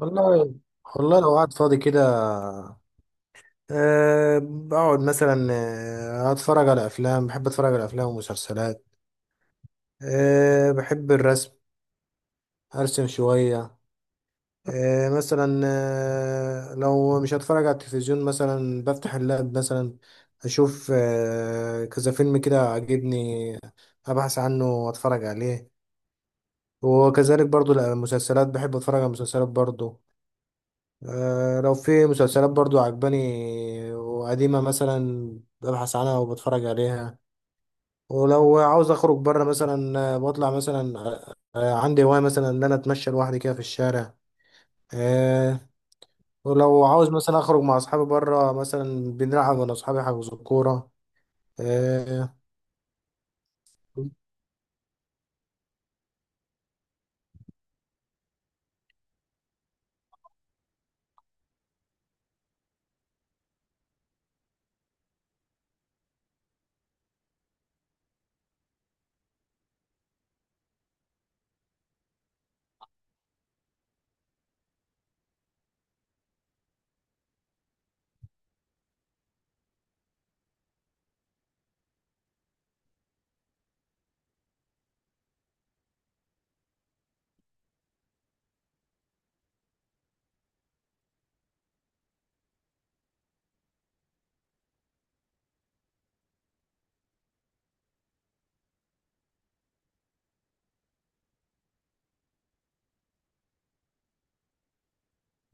والله والله لو قعد فاضي كده، بقعد مثلا، اتفرج على افلام. بحب اتفرج على افلام ومسلسلات. بحب الرسم، ارسم شوية. مثلا لو مش هتفرج على التلفزيون مثلا بفتح اللاب مثلا، اشوف كذا فيلم كده عاجبني، ابحث عنه واتفرج عليه. وكذلك برضو المسلسلات، بحب اتفرج على المسلسلات برضو. لو في مسلسلات برضو عجباني وقديمة مثلا، ببحث عنها وبتفرج عليها. ولو عاوز اخرج بره مثلا، بطلع مثلا، عندي هواية مثلا ان انا اتمشى لوحدي كده في الشارع. آه، ولو عاوز مثلا اخرج مع اصحابي بره مثلا، بنلعب انا واصحابي حجز الكورة. اه.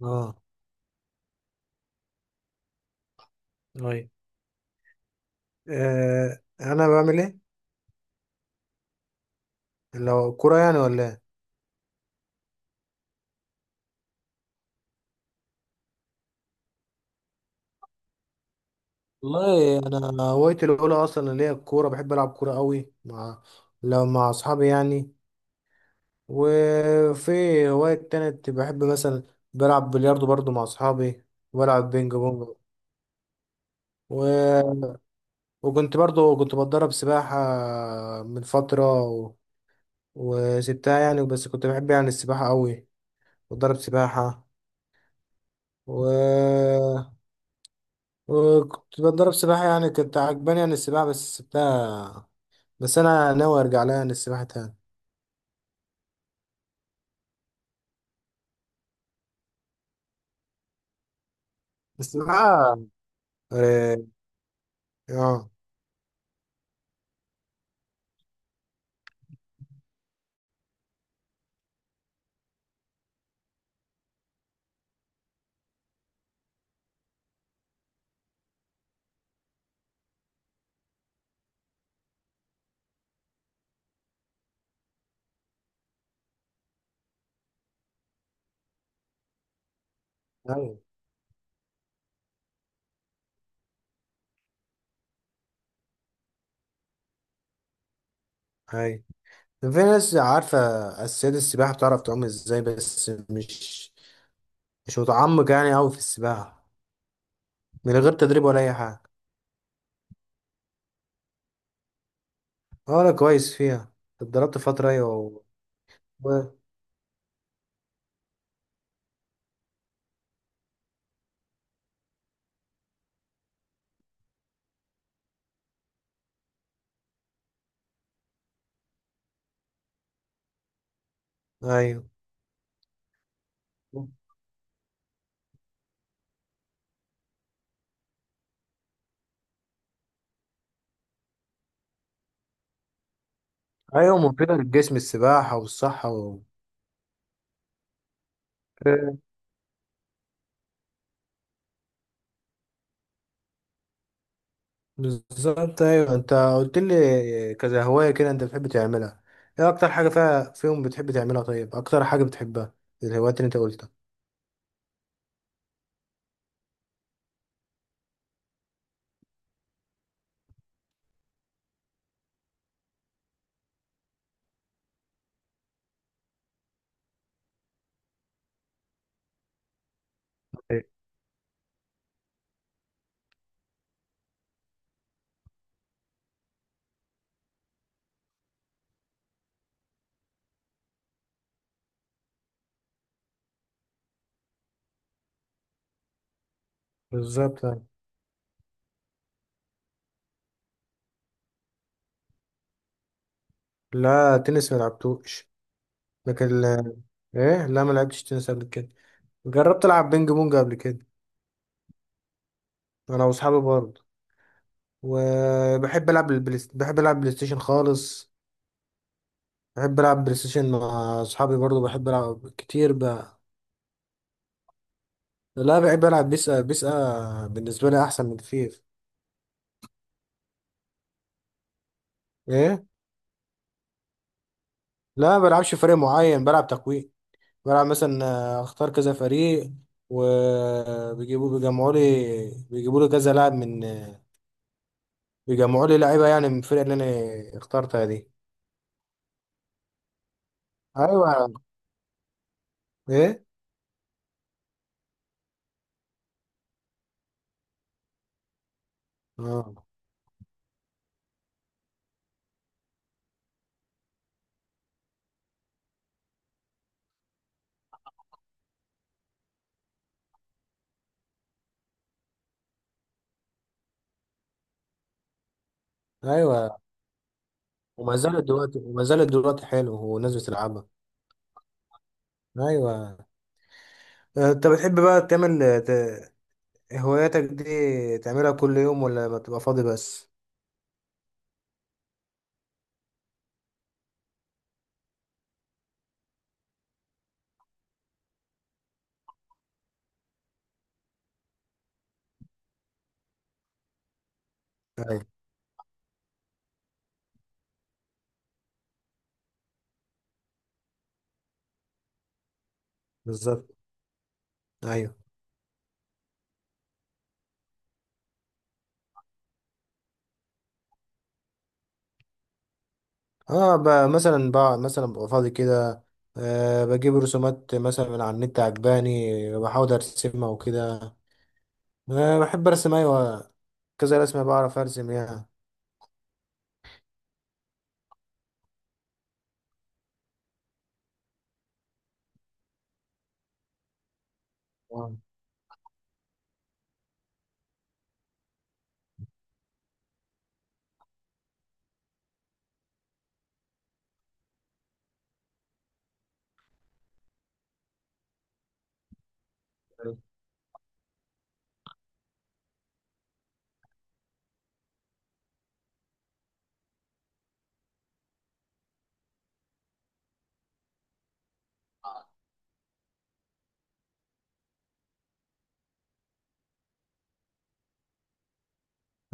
اه. أي. انا بعمل ايه، لو كورة يعني ولا إيه؟ والله انا هوايتي الاولى اصلا اللي هي الكوره، بحب العب كوره قوي، مع لو مع اصحابي يعني. وفي هوايه تانية بحب مثلا، بلعب بلياردو برضو مع اصحابي، وبلعب بينج بونج. و... وكنت برضو بتدرب سباحه من فتره وسبتها يعني. بس كنت بحب يعني السباحه قوي، بتدرب سباحه و... يعني كنت عجباني يعني السباحه بس سبتها. بس انا ناوي ارجع لها يعني السباحه تاني. بس بقى. اه. آه، ايوه، ايوه، في ناس عارفة أساسيات السباحة، بتعرف تعوم ازاي، بس مش، مش متعمق يعني أوي في السباحة من غير تدريب ولا أي حاجة. اه، أنا كويس فيها. اتدربت فترة أيوة و... أيوه، أيوه، مفيدة للجسم السباحة والصحة آه، بالظبط. أيوه، أنت قلت لي كذا هواية كده أنت بتحب تعملها، إيه أكتر حاجة فيهم بتحب تعملها؟ طيب أكتر حاجة بتحبها الهوايات اللي أنت قلتها؟ أيوة، بالظبط. لا، تنس ما لعبتوش، لكن ايه، لا، ما لعبتش تنس قبل كده. جربت العب بينج بونج قبل كده انا واصحابي برضه. وبحب العب البلاي بحب العب بلاي ستيشن خالص. بحب العب بلاي ستيشن مع اصحابي برضه، بحب العب كتير بقى. لا، بحب العب بيسا، بيسا بالنسبه لي احسن من فيف. ايه. لا، ما بلعبش فريق معين، بلعب تقويم. بلعب مثلا، اختار كذا فريق، بيجمعوا لي، بيجيبوا لي كذا لاعب من بيجمعوا لي لعيبه يعني من الفرقه اللي انا اخترتها دي. ايوه. ايه. اه. ايوه. وما زالت دلوقتي حلو، والناس بتلعبها. ايوه. انت بتحب بقى تعمل ت- هواياتك دي، تعملها كل يوم ولا بتبقى فاضي بس؟ ايوه. بالظبط. ايوه. اه، مثلا بقى مثلا ببقى فاضي كده، بجيب رسومات مثلا من على النت عجباني بحاول ارسمها وكده. بحب ارسم، ايوه، كذا رسمة بعرف ارسم يعني. آه.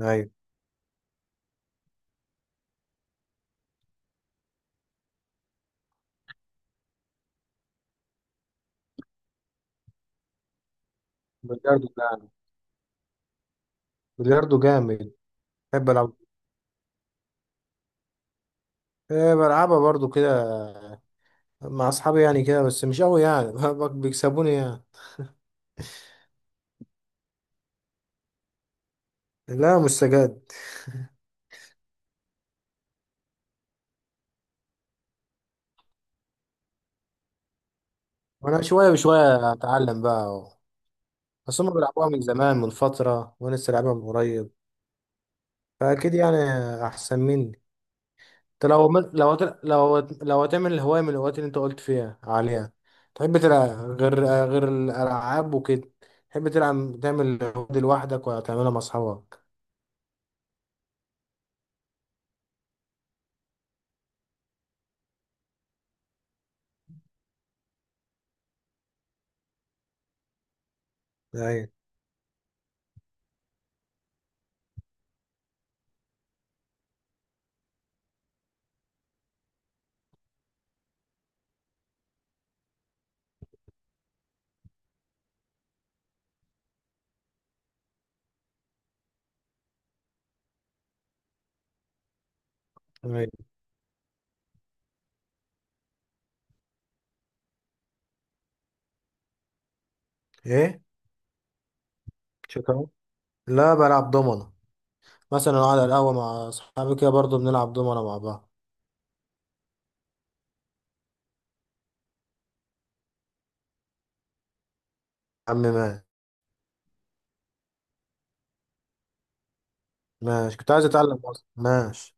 ايوه. بلياردو جامد بلياردو جامد. بحب العب. إيه، بلعبها برضو كده مع اصحابي يعني كده، بس مش قوي يعني بيكسبوني يعني. لا مش سجاد. وانا شويه بشويه اتعلم بقى أهو. بس هم بيلعبوها من زمان من فتره وانا لسه لعبها من قريب، فاكيد يعني احسن مني. انت لو لو هتعمل الهوايه من الهوايات اللي انت قلت فيها عليها، تحب تلعب، غير غير الالعاب وكده، تحب تلعب تعمل الهواية دي لوحدك ولا تعملها مع اصحابك؟ ايوه. ايوه. ايه. شكرا. لا، بلعب دومنة مثلا، قاعد على القهوة مع أصحابي كده برضه بنلعب دومنة مع بعض. يا عم ماشي. ماشي، كنت عايز أتعلم أصلا. ماشي.